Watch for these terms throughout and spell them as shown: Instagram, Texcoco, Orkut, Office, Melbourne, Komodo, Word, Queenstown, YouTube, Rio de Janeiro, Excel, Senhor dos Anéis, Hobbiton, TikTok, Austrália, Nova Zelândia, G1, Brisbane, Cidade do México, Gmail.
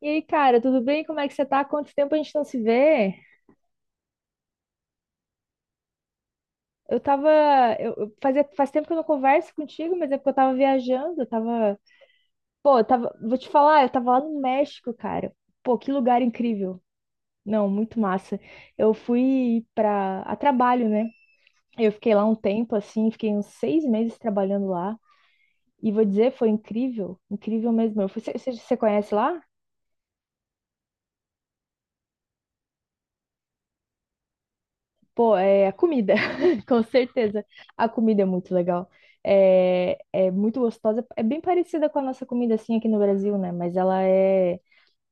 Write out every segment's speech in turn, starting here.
E aí, cara, tudo bem? Como é que você tá? Quanto tempo a gente não se vê? Eu tava. Faz tempo que eu não converso contigo, mas é porque eu tava viajando. Eu tava. Pô, eu tava. Vou te falar, eu tava lá no México, cara. Pô, que lugar incrível. Não, muito massa. Eu fui a trabalho, né? Eu fiquei lá um tempo, assim, fiquei uns 6 meses trabalhando lá. E vou dizer, foi incrível, incrível mesmo. Você conhece lá? Pô, é a comida, com certeza. A comida é muito legal. É muito gostosa. É bem parecida com a nossa comida, assim, aqui no Brasil, né? Mas ela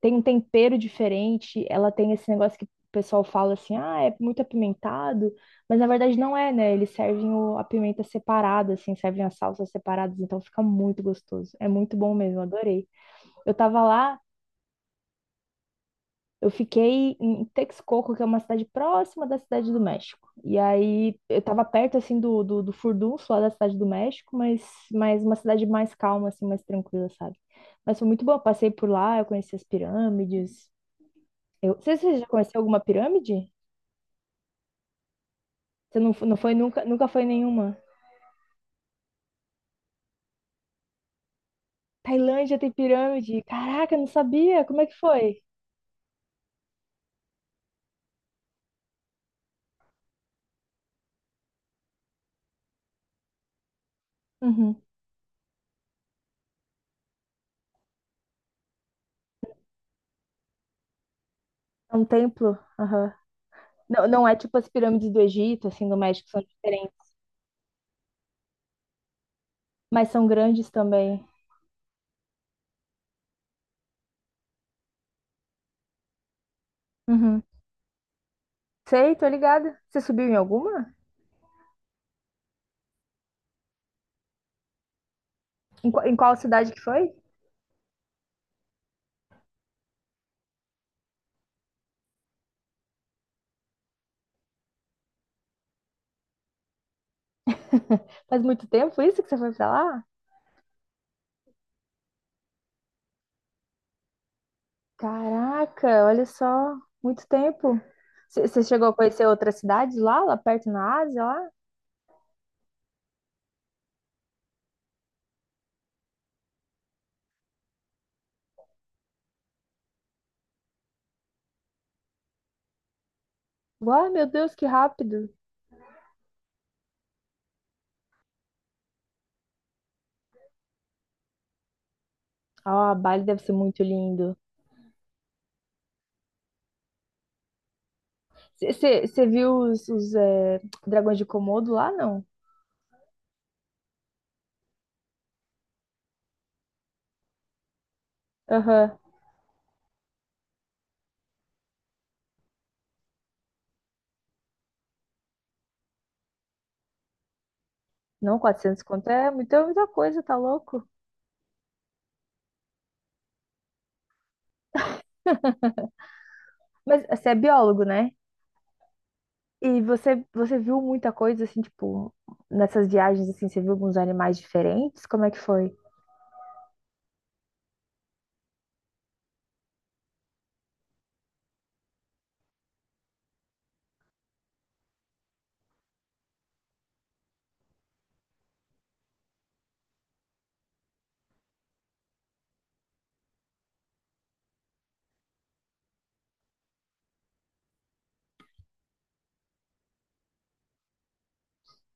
tem um tempero diferente. Ela tem esse negócio que o pessoal fala assim, é muito apimentado. Mas na verdade não é, né? Eles servem a pimenta separada, assim, servem as salsas separadas. Então fica muito gostoso. É muito bom mesmo, adorei. Eu tava lá. Eu fiquei em Texcoco, que é uma cidade próxima da Cidade do México. E aí eu tava perto assim do furdunço lá da Cidade do México, mas uma cidade mais calma, assim, mais tranquila, sabe? Mas foi muito bom. Eu passei por lá, eu conheci as pirâmides. Você já conheceu alguma pirâmide? Você não, não foi nunca, foi nenhuma? Tailândia tem pirâmide. Caraca, eu não sabia. Como é que foi? Uhum. É um templo. Aham. Não, não é tipo as pirâmides do Egito, assim, do México, são diferentes, mas são grandes também. Uhum. Sei, tô ligada. Você subiu em alguma? Em qual cidade que foi? Faz muito tempo isso que você foi pra lá? Caraca, olha só, muito tempo. Você chegou a conhecer outras cidades lá perto na Ásia, lá? Uau, meu Deus, que rápido. Ah, Bali deve ser muito lindo. Você viu os dragões de Komodo lá, não? Aham. Não, 400 conto é muita, muita coisa, tá louco? Mas você é biólogo, né? E você viu muita coisa, assim, tipo, nessas viagens, assim, você viu alguns animais diferentes? Como é que foi?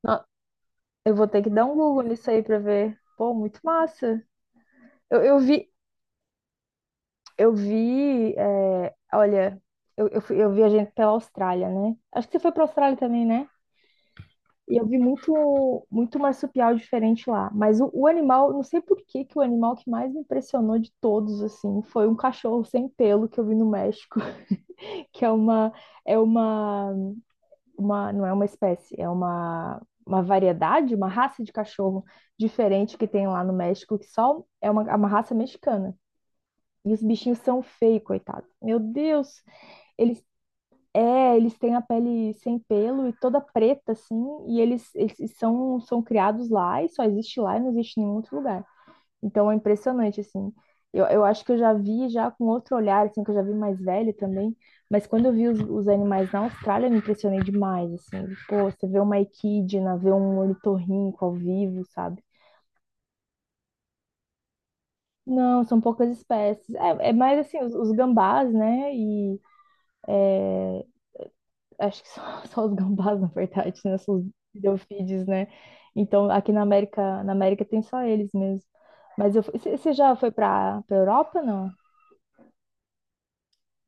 Nó- Eu vou ter que dar um Google nisso aí pra ver. Pô, muito massa. Eu, eu vi, eu vi, é, olha, eu, fui- eu viajei pela Austrália, né? Acho que você foi pra Austrália também, né? E eu vi muito, muito marsupial diferente lá. Mas o animal, não sei por que que o animal que mais me impressionou de todos, assim, foi um cachorro sem pelo que eu vi no México, que é uma não é uma espécie, é uma variedade, uma raça de cachorro diferente que tem lá no México, que só é uma raça mexicana. E os bichinhos são feios, coitado. Meu Deus, eles eles têm a pele sem pelo e toda preta assim, e eles são criados lá e só existe lá e não existe em nenhum outro lugar. Então é impressionante, assim. Eu acho que eu já vi já com outro olhar, assim, que eu já vi mais velho também. Mas quando eu vi os animais na Austrália, eu me impressionei demais, assim. Pô, você vê uma equidna, vê um ornitorrinco ao vivo, sabe? Não, são poucas espécies. É mais assim, os gambás, né? E acho que só, só os gambás, na verdade, né? São os delfídeos, né? Então, aqui na América, tem só eles mesmo. Mas você já foi para a Europa, não?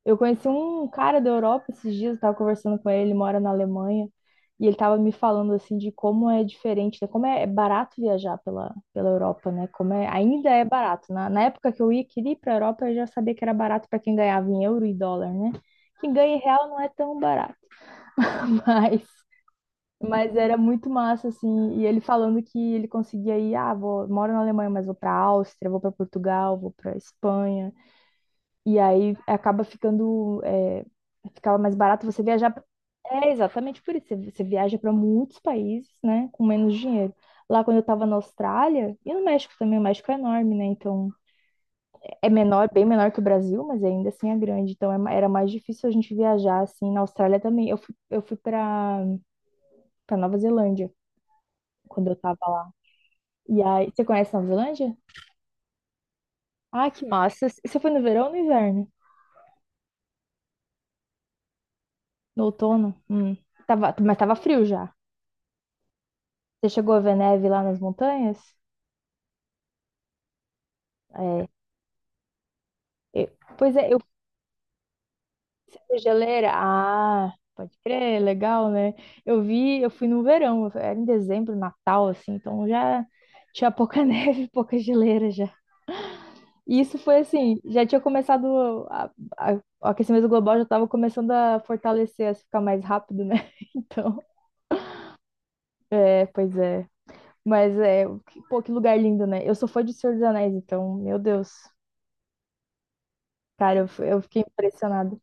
Eu conheci um cara da Europa esses dias, eu tava conversando com ele, ele mora na Alemanha, e ele tava me falando assim de como é diferente, né, como é barato viajar pela Europa, né? Como é, ainda é barato. Na época que eu ia, queria ir pra Europa, eu já sabia que era barato para quem ganhava em euro e dólar, né? Quem ganha em real não é tão barato, mas mas era muito massa assim, e ele falando que ele conseguia ir, vou, moro na Alemanha, mas vou pra Áustria, vou para Portugal, vou para Espanha. E aí acaba ficando, ficava mais barato você viajar. É exatamente por isso. Você viaja para muitos países, né, com menos dinheiro. Lá quando eu estava na Austrália e no México também, o México é enorme, né? Então é menor, bem menor que o Brasil, mas ainda assim é grande. Então era mais difícil a gente viajar assim. Na Austrália também. Eu fui para Nova Zelândia quando eu estava lá. E aí, você conhece Nova Zelândia? Ah, que massa. Você foi no verão ou no inverno? No outono? Hum. Tava, mas tava frio já. Você chegou a ver neve lá nas montanhas? É. eu- pois é, eu fui essa geleira. Ah, pode crer, legal, né? Eu fui no verão, era em dezembro, Natal, assim, então já tinha pouca neve, pouca geleira já. E isso foi assim, já tinha começado, a- o aquecimento global já estava começando a fortalecer, a ficar mais rápido, né? Então, pois é. Mas é, pô, que lugar lindo, né? Eu sou fã de Senhor dos Anéis, então, meu Deus. Cara, eu fiquei impressionada.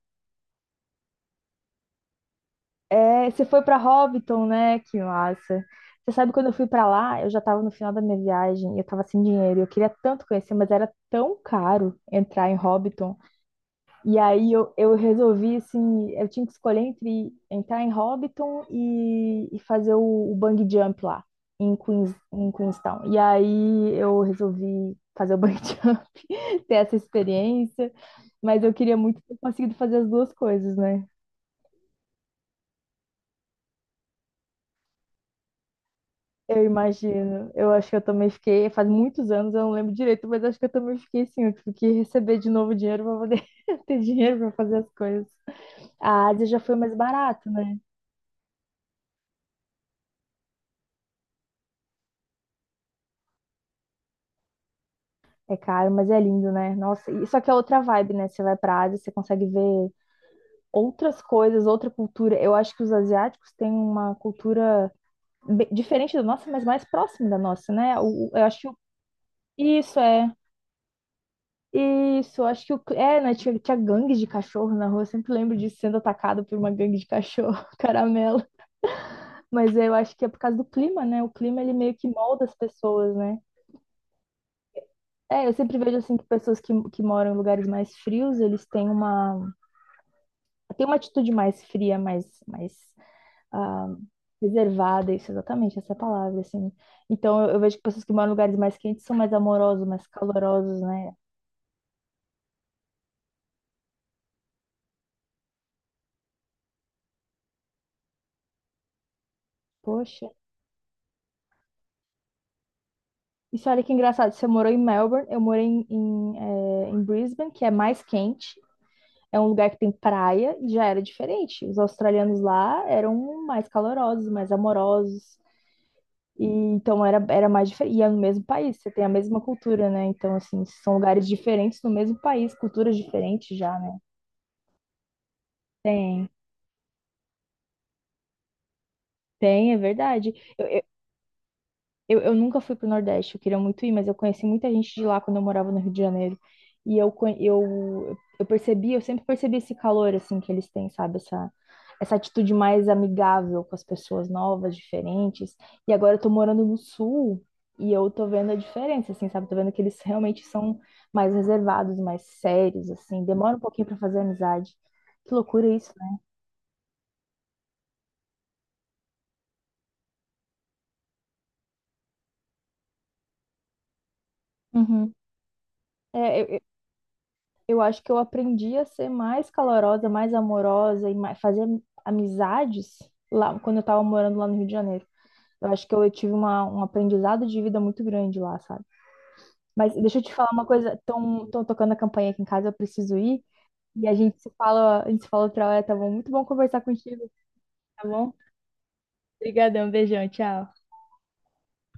É, você foi pra Hobbiton, né? Que massa. Você sabe, quando eu fui pra lá, eu já tava no final da minha viagem, e eu tava sem dinheiro, e eu queria tanto conhecer, mas era tão caro entrar em Hobbiton. E aí eu resolvi, assim, eu tinha que escolher entre entrar em Hobbiton e fazer o bungee jump lá, em Queenstown. E aí eu resolvi fazer o bungee jump, ter essa experiência, mas eu queria muito ter conseguido fazer as duas coisas, né? Eu imagino. Eu acho que eu também fiquei, faz muitos anos, eu não lembro direito, mas acho que eu também fiquei assim, eu tive que receber de novo dinheiro para poder ter dinheiro para fazer as coisas. A Ásia já foi mais barato, né? É caro, mas é lindo, né? Nossa, só que é outra vibe, né? Você vai pra Ásia, você consegue ver outras coisas, outra cultura. Eu acho que os asiáticos têm uma cultura diferente da nossa, mas mais próxima da nossa, né? Eu acho que isso é. Isso, acho que né? Tinha gangue de cachorro na rua. Eu sempre lembro disso sendo atacado por uma gangue de cachorro, caramelo. Mas eu acho que é por causa do clima, né? O clima ele meio que molda as pessoas, né? É, eu sempre vejo assim que pessoas que moram em lugares mais frios, eles têm uma atitude mais fria, mais ah, reservada, isso exatamente, essa é a palavra, assim. Então eu vejo que pessoas que moram em lugares mais quentes são mais amorosos, mais calorosos, né? Poxa. Isso, olha que engraçado. Você morou em Melbourne, eu morei em Brisbane, que é mais quente. É um lugar que tem praia e já era diferente. Os australianos lá eram mais calorosos, mais amorosos. E, então era mais diferente. E é no mesmo país, você tem a mesma cultura, né? Então, assim, são lugares diferentes no mesmo país, culturas diferentes já, né? Tem, tem, é verdade. Eu nunca fui pro Nordeste, eu queria muito ir, mas eu conheci muita gente de lá quando eu morava no Rio de Janeiro. E eu sempre percebi esse calor, assim, que eles têm, sabe? Essa atitude mais amigável com as pessoas novas, diferentes. E agora eu tô morando no Sul e eu tô vendo a diferença, assim, sabe? Tô vendo que eles realmente são mais reservados, mais sérios, assim. Demora um pouquinho pra fazer amizade. Que loucura isso, né? Uhum. É, eu acho que eu aprendi a ser mais calorosa, mais amorosa e mais, fazer amizades lá quando eu tava morando lá no Rio de Janeiro. Eu acho que eu, tive um aprendizado de vida muito grande lá, sabe? Mas deixa eu te falar uma coisa, estão tocando a campainha aqui em casa, eu preciso ir. E a gente se fala outra hora, tá bom? Muito bom conversar contigo, tá bom? Obrigadão, beijão, tchau.